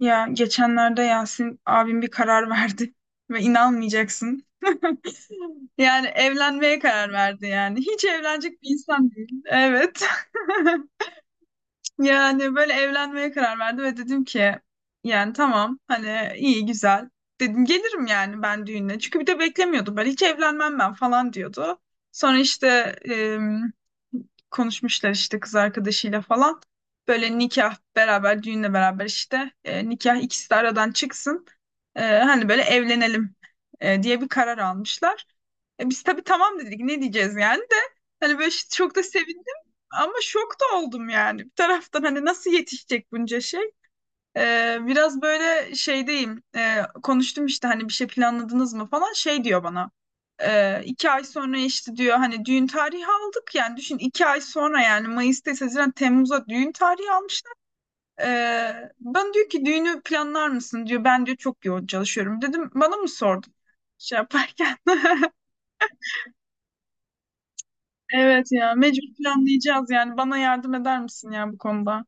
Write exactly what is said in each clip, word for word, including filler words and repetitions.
Ya geçenlerde Yasin abim bir karar verdi ve inanmayacaksın. Yani evlenmeye karar verdi yani. Hiç evlenecek bir insan değil. Evet. Yani böyle evlenmeye karar verdi ve dedim ki yani tamam hani iyi güzel. Dedim gelirim yani ben düğüne. Çünkü bir de beklemiyordum böyle hiç evlenmem ben falan diyordu. Sonra işte em, konuşmuşlar işte kız arkadaşıyla falan. Böyle nikah beraber düğünle beraber işte e, nikah ikisi de aradan çıksın. E, hani böyle evlenelim e, diye bir karar almışlar. E, biz tabii tamam dedik ne diyeceğiz yani de hani böyle ş- çok da sevindim ama şok da oldum yani bir taraftan hani nasıl yetişecek bunca şey. E, biraz böyle şeydeyim. E, konuştum işte hani bir şey planladınız mı falan şey diyor bana. E, iki ay sonra işte diyor hani düğün tarihi aldık yani düşün iki ay sonra yani Mayıs'ta Haziran Temmuz'a düğün tarihi almışlar. E, Ben diyor ki düğünü planlar mısın diyor ben diyor çok yoğun çalışıyorum dedim bana mı sordun şey yaparken. Evet ya mecbur planlayacağız yani bana yardım eder misin ya bu konuda?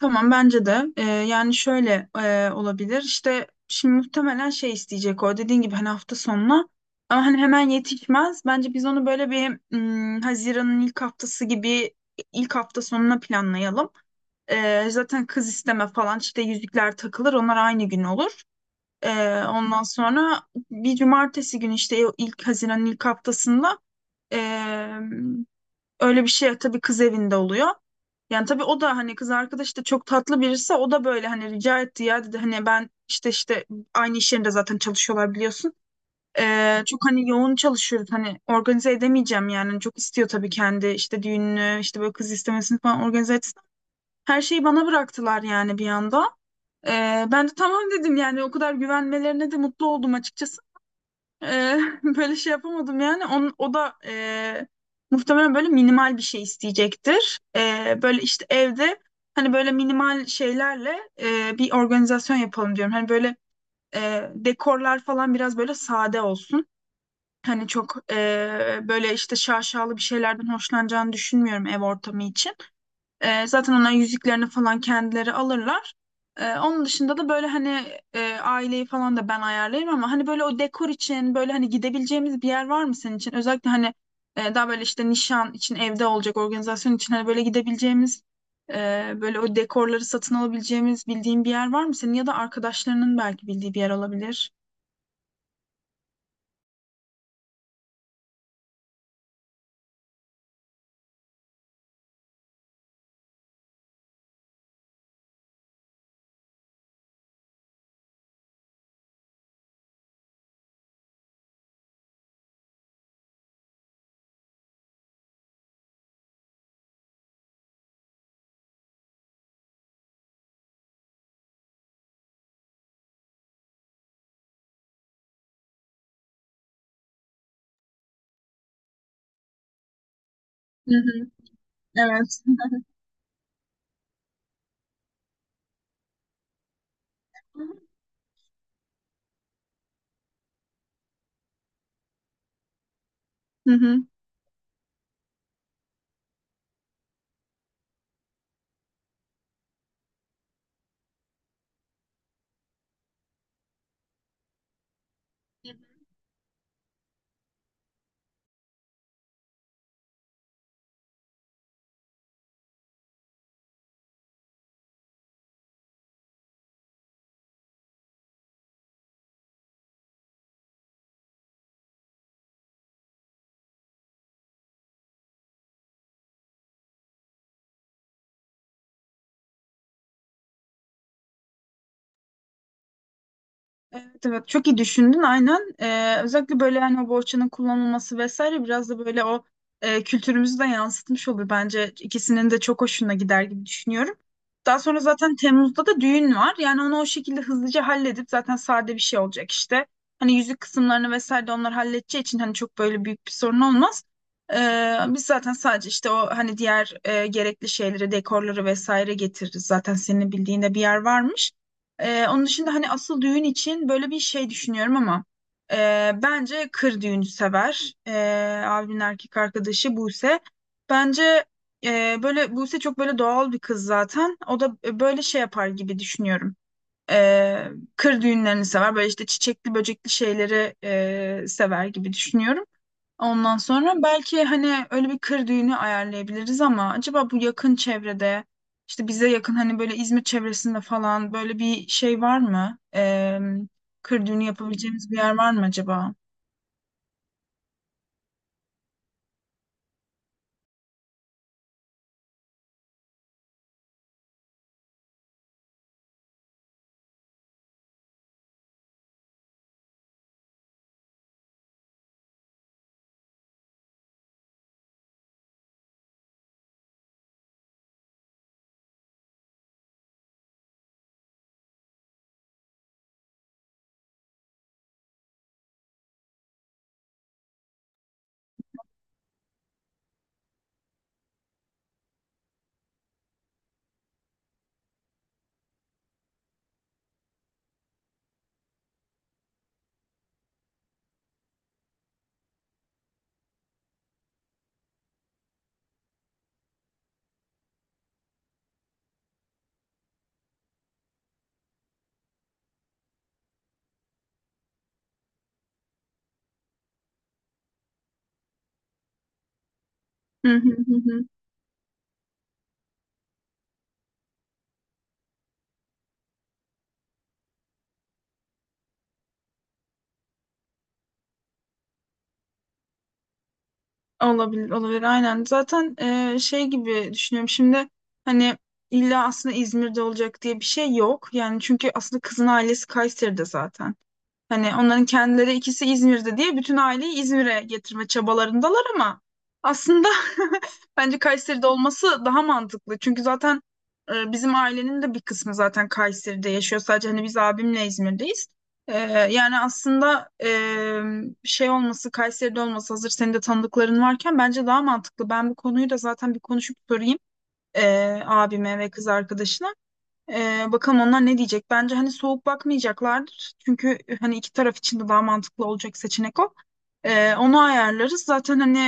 Tamam bence de. Ee, yani şöyle e, olabilir işte şimdi muhtemelen şey isteyecek o dediğin gibi hani hafta sonuna ama hani hemen yetişmez bence biz onu böyle bir hmm, Haziran'ın ilk haftası gibi ilk hafta sonuna planlayalım. Ee, zaten kız isteme falan işte yüzükler takılır onlar aynı gün olur. Ee, ondan sonra bir cumartesi günü işte ilk Haziran'ın ilk haftasında ee, öyle bir şey tabii kız evinde oluyor. Yani tabii o da hani kız arkadaş da çok tatlı birisi o da böyle hani rica etti ya dedi hani ben işte işte aynı iş yerinde zaten çalışıyorlar biliyorsun. Ee, çok hani yoğun çalışıyoruz hani organize edemeyeceğim yani. Hani, çok istiyor tabii kendi işte düğününü işte böyle kız istemesini falan organize etsin. Her şeyi bana bıraktılar yani bir anda. Ee, ben de tamam dedim yani o kadar güvenmelerine de mutlu oldum açıkçası. Eee, böyle şey yapamadım yani. On, o da eee, muhtemelen böyle minimal bir şey isteyecektir. Eee, böyle işte evde hani böyle minimal şeylerle eee, bir organizasyon yapalım diyorum. Hani böyle eee, dekorlar falan biraz böyle sade olsun. Hani çok eee, böyle işte şaşalı bir şeylerden hoşlanacağını düşünmüyorum ev ortamı için. Ee, zaten onların yüzüklerini falan kendileri alırlar. Ee, onun dışında da böyle hani e, aileyi falan da ben ayarlayayım ama hani böyle o dekor için böyle hani gidebileceğimiz bir yer var mı senin için? Özellikle hani e, daha böyle işte nişan için evde olacak organizasyon için hani böyle gidebileceğimiz e, böyle o dekorları satın alabileceğimiz bildiğin bir yer var mı senin ya da arkadaşlarının belki bildiği bir yer olabilir. Hı hı, evet. Hı hı. Evet, evet çok iyi düşündün aynen. Ee, özellikle böyle hani o bohçanın kullanılması vesaire biraz da böyle o e, kültürümüzü de yansıtmış olur bence. İkisinin de çok hoşuna gider gibi düşünüyorum. Daha sonra zaten Temmuz'da da düğün var. Yani onu o şekilde hızlıca halledip zaten sade bir şey olacak işte. Hani yüzük kısımlarını vesaire de onlar halledeceği için hani çok böyle büyük bir sorun olmaz. Ee, biz zaten sadece işte o hani diğer e, gerekli şeyleri, dekorları vesaire getiririz. Zaten senin bildiğinde bir yer varmış. Ee, onun dışında hani asıl düğün için böyle bir şey düşünüyorum ama e, bence kır düğünü sever. Ee, abimin erkek arkadaşı Buse. Bence e, böyle Buse çok böyle doğal bir kız zaten. O da e, böyle şey yapar gibi düşünüyorum. Ee, Kır düğünlerini sever. Böyle işte çiçekli böcekli şeyleri e, sever gibi düşünüyorum. Ondan sonra belki hani öyle bir kır düğünü ayarlayabiliriz ama acaba bu yakın çevrede işte bize yakın hani böyle İzmir çevresinde falan böyle bir şey var mı? Ee, kır düğünü yapabileceğimiz bir yer var mı acaba? Hı hı hı. Hı. Olabilir, olabilir. Aynen. Zaten e, şey gibi düşünüyorum şimdi hani illa aslında İzmir'de olacak diye bir şey yok. Yani çünkü aslında kızın ailesi Kayseri'de zaten. Hani onların kendileri ikisi İzmir'de diye bütün aileyi İzmir'e getirme çabalarındalar ama aslında bence Kayseri'de olması daha mantıklı. Çünkü zaten e, bizim ailenin de bir kısmı zaten Kayseri'de yaşıyor. Sadece hani biz abimle İzmir'deyiz. E, Yani aslında e, şey olması, Kayseri'de olması hazır senin de tanıdıkların varken bence daha mantıklı. Ben bu konuyu da zaten bir konuşup sorayım e, abime ve kız arkadaşına. Ee, bakalım onlar ne diyecek? Bence hani soğuk bakmayacaklardır. Çünkü hani iki taraf için de daha mantıklı olacak seçenek o. Ee, onu ayarlarız. Zaten hani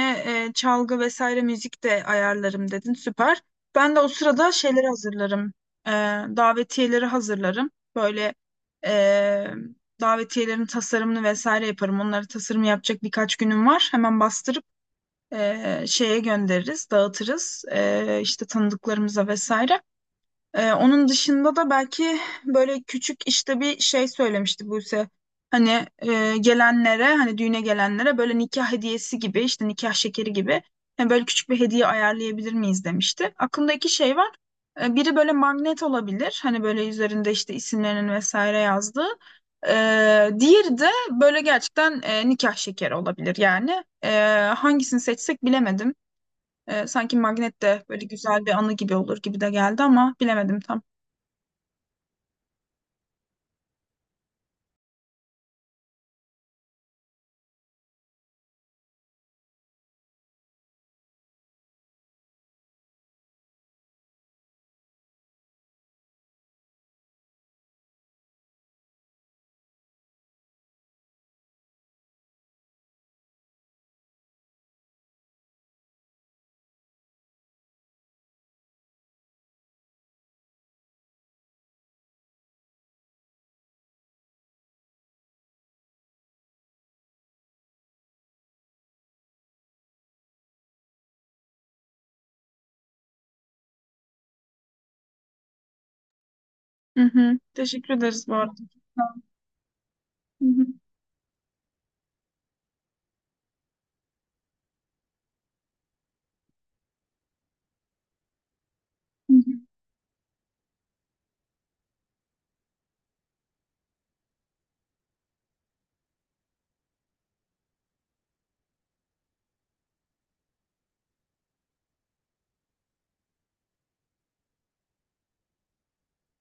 e, çalgı vesaire müzik de ayarlarım dedin. Süper. Ben de o sırada şeyleri hazırlarım. Ee, Davetiyeleri hazırlarım. Böyle e, davetiyelerin tasarımını vesaire yaparım. Onları tasarım yapacak birkaç günüm var. Hemen bastırıp e, şeye göndeririz, dağıtırız. E, işte tanıdıklarımıza vesaire. Ee, onun dışında da belki böyle küçük işte bir şey söylemişti Buse. Hani e, gelenlere hani düğüne gelenlere böyle nikah hediyesi gibi işte nikah şekeri gibi hani böyle küçük bir hediye ayarlayabilir miyiz demişti. Aklımda iki şey var. Ee, biri böyle magnet olabilir. Hani böyle üzerinde işte isimlerinin vesaire yazdığı. Ee, diğeri de böyle gerçekten e, nikah şekeri olabilir yani. Ee, hangisini seçsek bilemedim. Ee, sanki magnet de böyle güzel bir anı gibi olur gibi de geldi ama bilemedim tam. Hı hı. Teşekkür ederiz bu arada. Hı hı. Hı hı.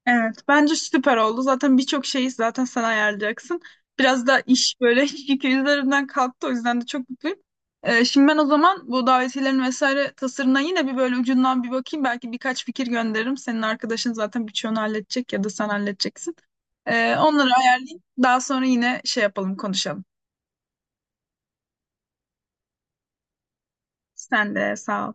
Evet, bence süper oldu. Zaten birçok şeyi zaten sen ayarlayacaksın. Biraz da iş böyle yükü üzerimden kalktı. O yüzden de çok mutluyum. Ee, şimdi ben o zaman bu davetiyelerin vesaire tasarımına yine bir böyle ucundan bir bakayım. Belki birkaç fikir gönderirim. Senin arkadaşın zaten birçoğunu halledecek ya da sen halledeceksin. Ee, onları ayarlayayım. Daha sonra yine şey yapalım, konuşalım. Sen de sağ ol.